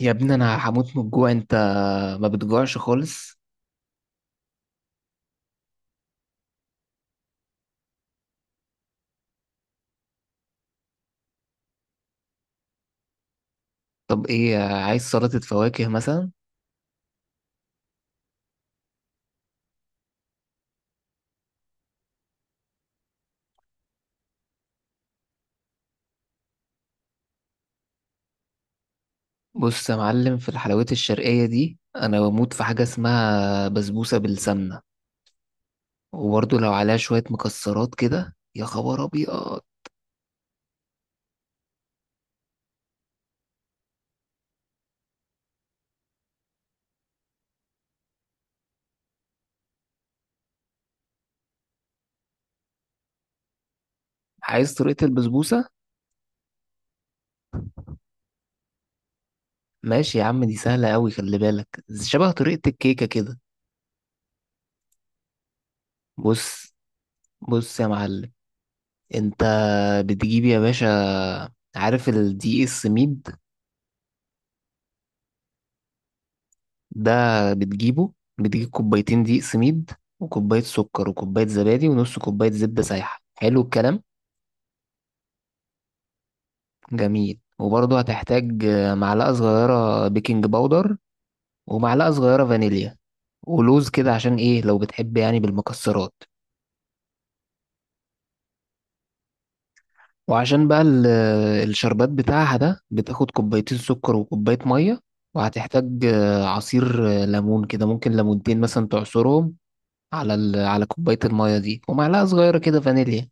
يا ابني انا هموت من الجوع. انت ما بتجوعش خالص؟ طب ايه، عايز سلطة فواكه مثلا؟ بص يا معلم، في الحلويات الشرقية دي انا بموت في حاجة اسمها بسبوسة بالسمنة، وبرضه لو عليها شوية مكسرات كده يا خبر ابيض. عايز طريقة البسبوسة؟ ماشي يا عم، دي سهلة قوي، خلي بالك، شبه طريقة الكيكة كده. بص بص يا معلم، انت بتجيب يا باشا، عارف الدي اس ميد ده؟ بتجيبه، بتجيب كوبايتين دقيق سميد وكوباية سكر وكوباية زبادي ونص كوباية زبدة سايحة، حلو الكلام. جميل، وبرضه هتحتاج معلقة صغيرة بيكنج باودر ومعلقة صغيرة فانيليا ولوز كده، عشان ايه؟ لو بتحب يعني بالمكسرات. وعشان بقى الشربات بتاعها ده بتاخد كوبايتين سكر وكوباية مية، وهتحتاج عصير ليمون كده، ممكن ليمونتين مثلا تعصرهم على على كوباية المية دي، ومعلقة صغيرة كده فانيليا.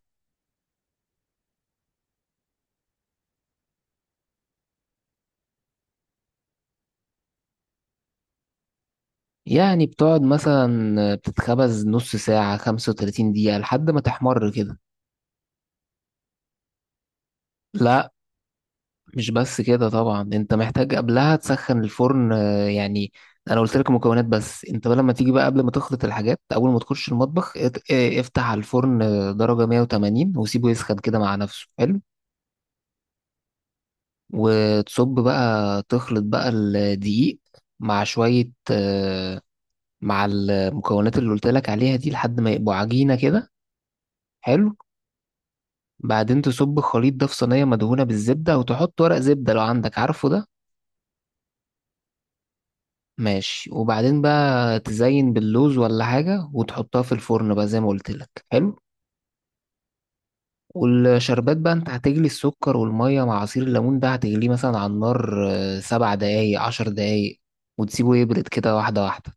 يعني بتقعد مثلا، بتتخبز نص ساعة 35 دقيقة لحد ما تحمر كده. لا مش بس كده طبعا، انت محتاج قبلها تسخن الفرن يعني انا قلت لك مكونات، بس انت بقى لما تيجي بقى قبل ما تخلط الحاجات، اول ما تخش المطبخ افتح على الفرن درجة 180 وسيبه يسخن كده مع نفسه، حلو. وتصب بقى، تخلط بقى الدقيق مع شوية آه، مع المكونات اللي قلت لك عليها دي لحد ما يبقوا عجينة كده، حلو. بعدين تصب الخليط ده في صينية مدهونة بالزبدة، وتحط ورق زبدة لو عندك، عارفه ده؟ ماشي، وبعدين بقى تزين باللوز ولا حاجة وتحطها في الفرن بقى زي ما قلت لك، حلو. والشربات بقى انت هتجلي السكر والمية مع عصير الليمون ده، هتجليه مثلا على النار سبع دقايق عشر دقايق وتسيبه يبرد كده واحدة واحدة.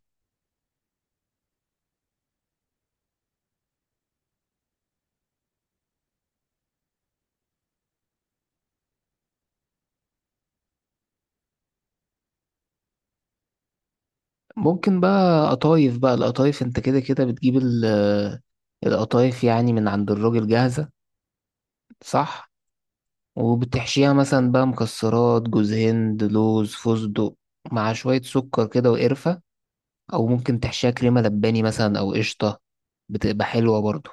ممكن بقى قطايف، بقى القطايف انت كده كده بتجيب القطايف يعني من عند الراجل جاهزة، صح؟ وبتحشيها مثلا بقى مكسرات، جوز هند، لوز، فستق، مع شوية سكر كده وقرفة. أو ممكن تحشيها كريمة لباني مثلا أو قشطة، بتبقى حلوة برضو.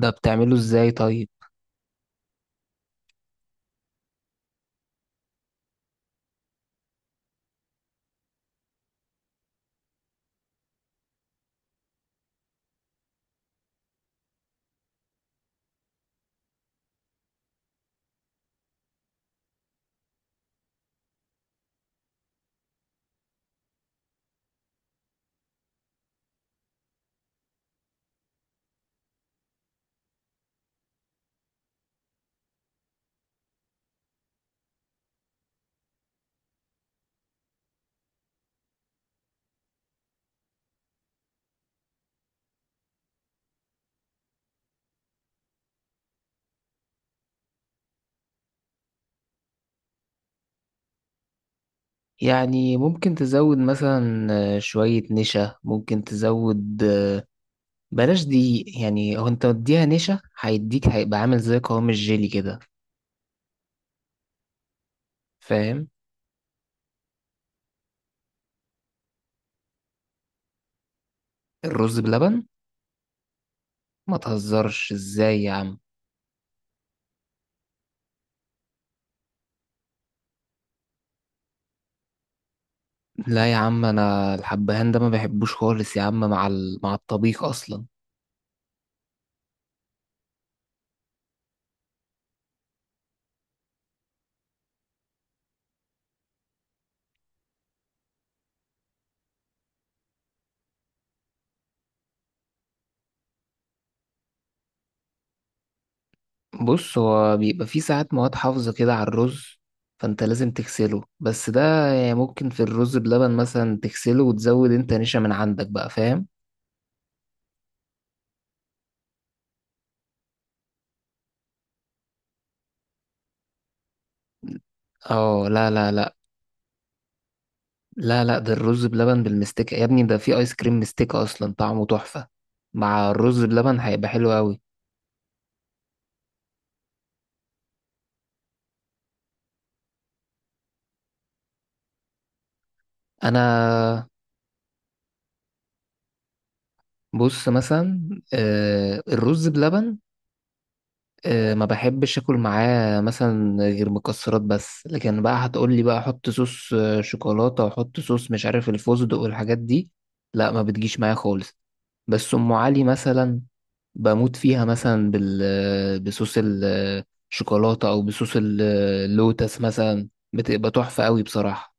ده بتعمله ازاي طيب؟ يعني ممكن تزود مثلا شوية نشا، ممكن تزود بلاش دي، يعني هو انت مديها نشا هيديك، هيبقى عامل زي قوام الجيلي كده، فاهم؟ الرز بلبن؟ ما تهزرش ازاي يا عم. لا يا عم، انا الحبهان ده ما بحبوش خالص يا عم، مع مع الطبيخ اصلا. بص، هو بيبقى فيه ساعات مواد حافظة كده على الرز، فانت لازم تغسله، بس ده يعني ممكن في الرز بلبن مثلا تغسله وتزود انت نشا من عندك بقى، فاهم؟ اه لا لا ده الرز بلبن بالمستكة يا ابني، ده فيه ايس كريم مستكة اصلا طعمه تحفة، مع الرز بلبن هيبقى حلو قوي. انا بص مثلا، آه الرز بلبن ما بحبش اكل معاه مثلا غير مكسرات بس، لكن بقى هتقولي بقى احط صوص شوكولاتة واحط صوص مش عارف الفستق والحاجات دي، لا ما بتجيش معايا خالص. بس ام علي مثلا بموت فيها مثلا بال آه، بصوص الشوكولاتة او بصوص اللوتس مثلا، بتبقى تحفة قوي بصراحة.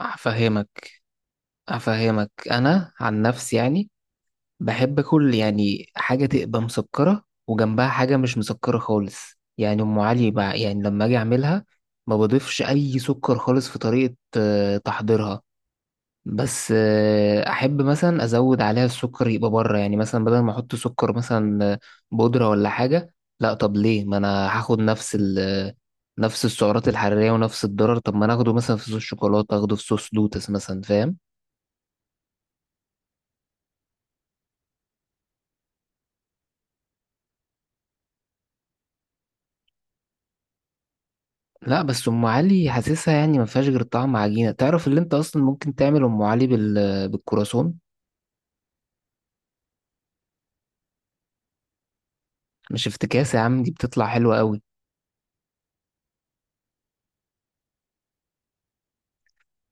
هفهمك، هفهمك انا عن نفسي يعني، بحب اكل يعني حاجه تبقى مسكره وجنبها حاجه مش مسكره خالص. يعني ام علي بقى، يعني لما اجي اعملها ما بضيفش اي سكر خالص في طريقه تحضيرها. بس احب مثلا ازود عليها السكر يبقى بره، يعني مثلا بدل ما احط سكر مثلا بودره ولا حاجه، لا طب ليه؟ ما انا هاخد نفس ال آه، نفس السعرات الحراريه ونفس الضرر، طب ما انا اخده مثلا في صوص شوكولاته، اخده في صوص لوتس مثلا، فاهم؟ لا بس ام علي حاسسها يعني ما فيهاش غير طعم عجينه، تعرف اللي انت اصلا ممكن تعمل ام علي بالكرواسون. مش افتكاس يا عم، دي بتطلع حلوه قوي.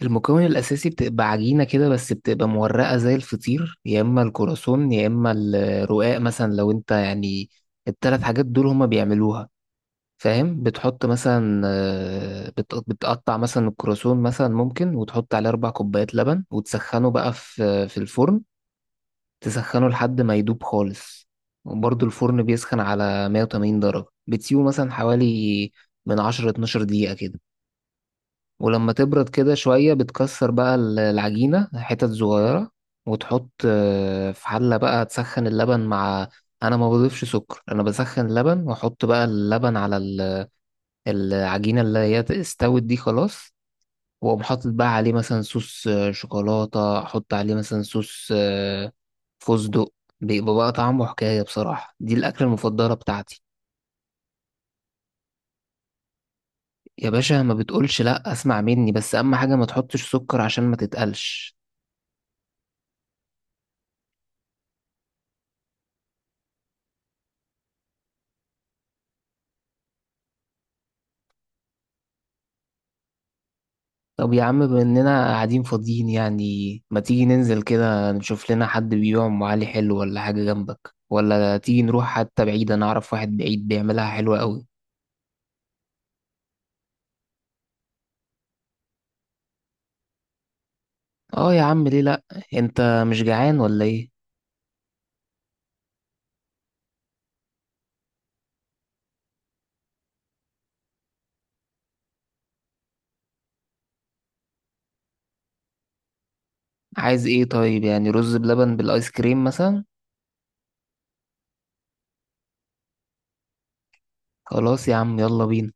المكون الاساسي بتبقى عجينه كده، بس بتبقى مورقه زي الفطير، يا اما الكرواسون يا اما الرقاق مثلا، لو انت يعني التلات حاجات دول هما بيعملوها، فاهم؟ بتحط مثلا بتقطع مثلا الكرواسون مثلا ممكن، وتحط عليه اربع كوبايات لبن وتسخنه بقى في الفرن، تسخنه لحد ما يدوب خالص. وبرضه الفرن بيسخن على 180 درجة، بتسيبه مثلا حوالي من 10 12 دقيقة كده. ولما تبرد كده شوية بتكسر بقى العجينة حتت صغيرة، وتحط في حلة بقى تسخن اللبن مع، أنا ما بضيفش سكر، أنا بسخن اللبن وأحط بقى اللبن على العجينة اللي هي استوت دي خلاص. وأقوم حاطط بقى عليه مثلا صوص شوكولاتة، أحط عليه مثلا صوص فستق، بيبقى بقى طعمه حكاية بصراحة، دي الأكلة المفضلة بتاعتي. يا باشا ما بتقولش لأ، أسمع مني بس، أهم حاجة ما تحطش سكر عشان ما تتقلش. طب يا عم، بما إننا قاعدين فاضيين يعني، ما تيجي ننزل كده نشوف لنا حد بيبيع أم علي حلو ولا حاجة جنبك، ولا تيجي نروح حتى بعيد، أنا أعرف واحد بعيد بيعملها حلوة أوي. اه يا عم ليه لأ، أنت مش جعان ولا إيه؟ عايز ايه طيب؟ يعني رز بلبن بالايس كريم مثلا؟ خلاص يا عم، يلا بينا.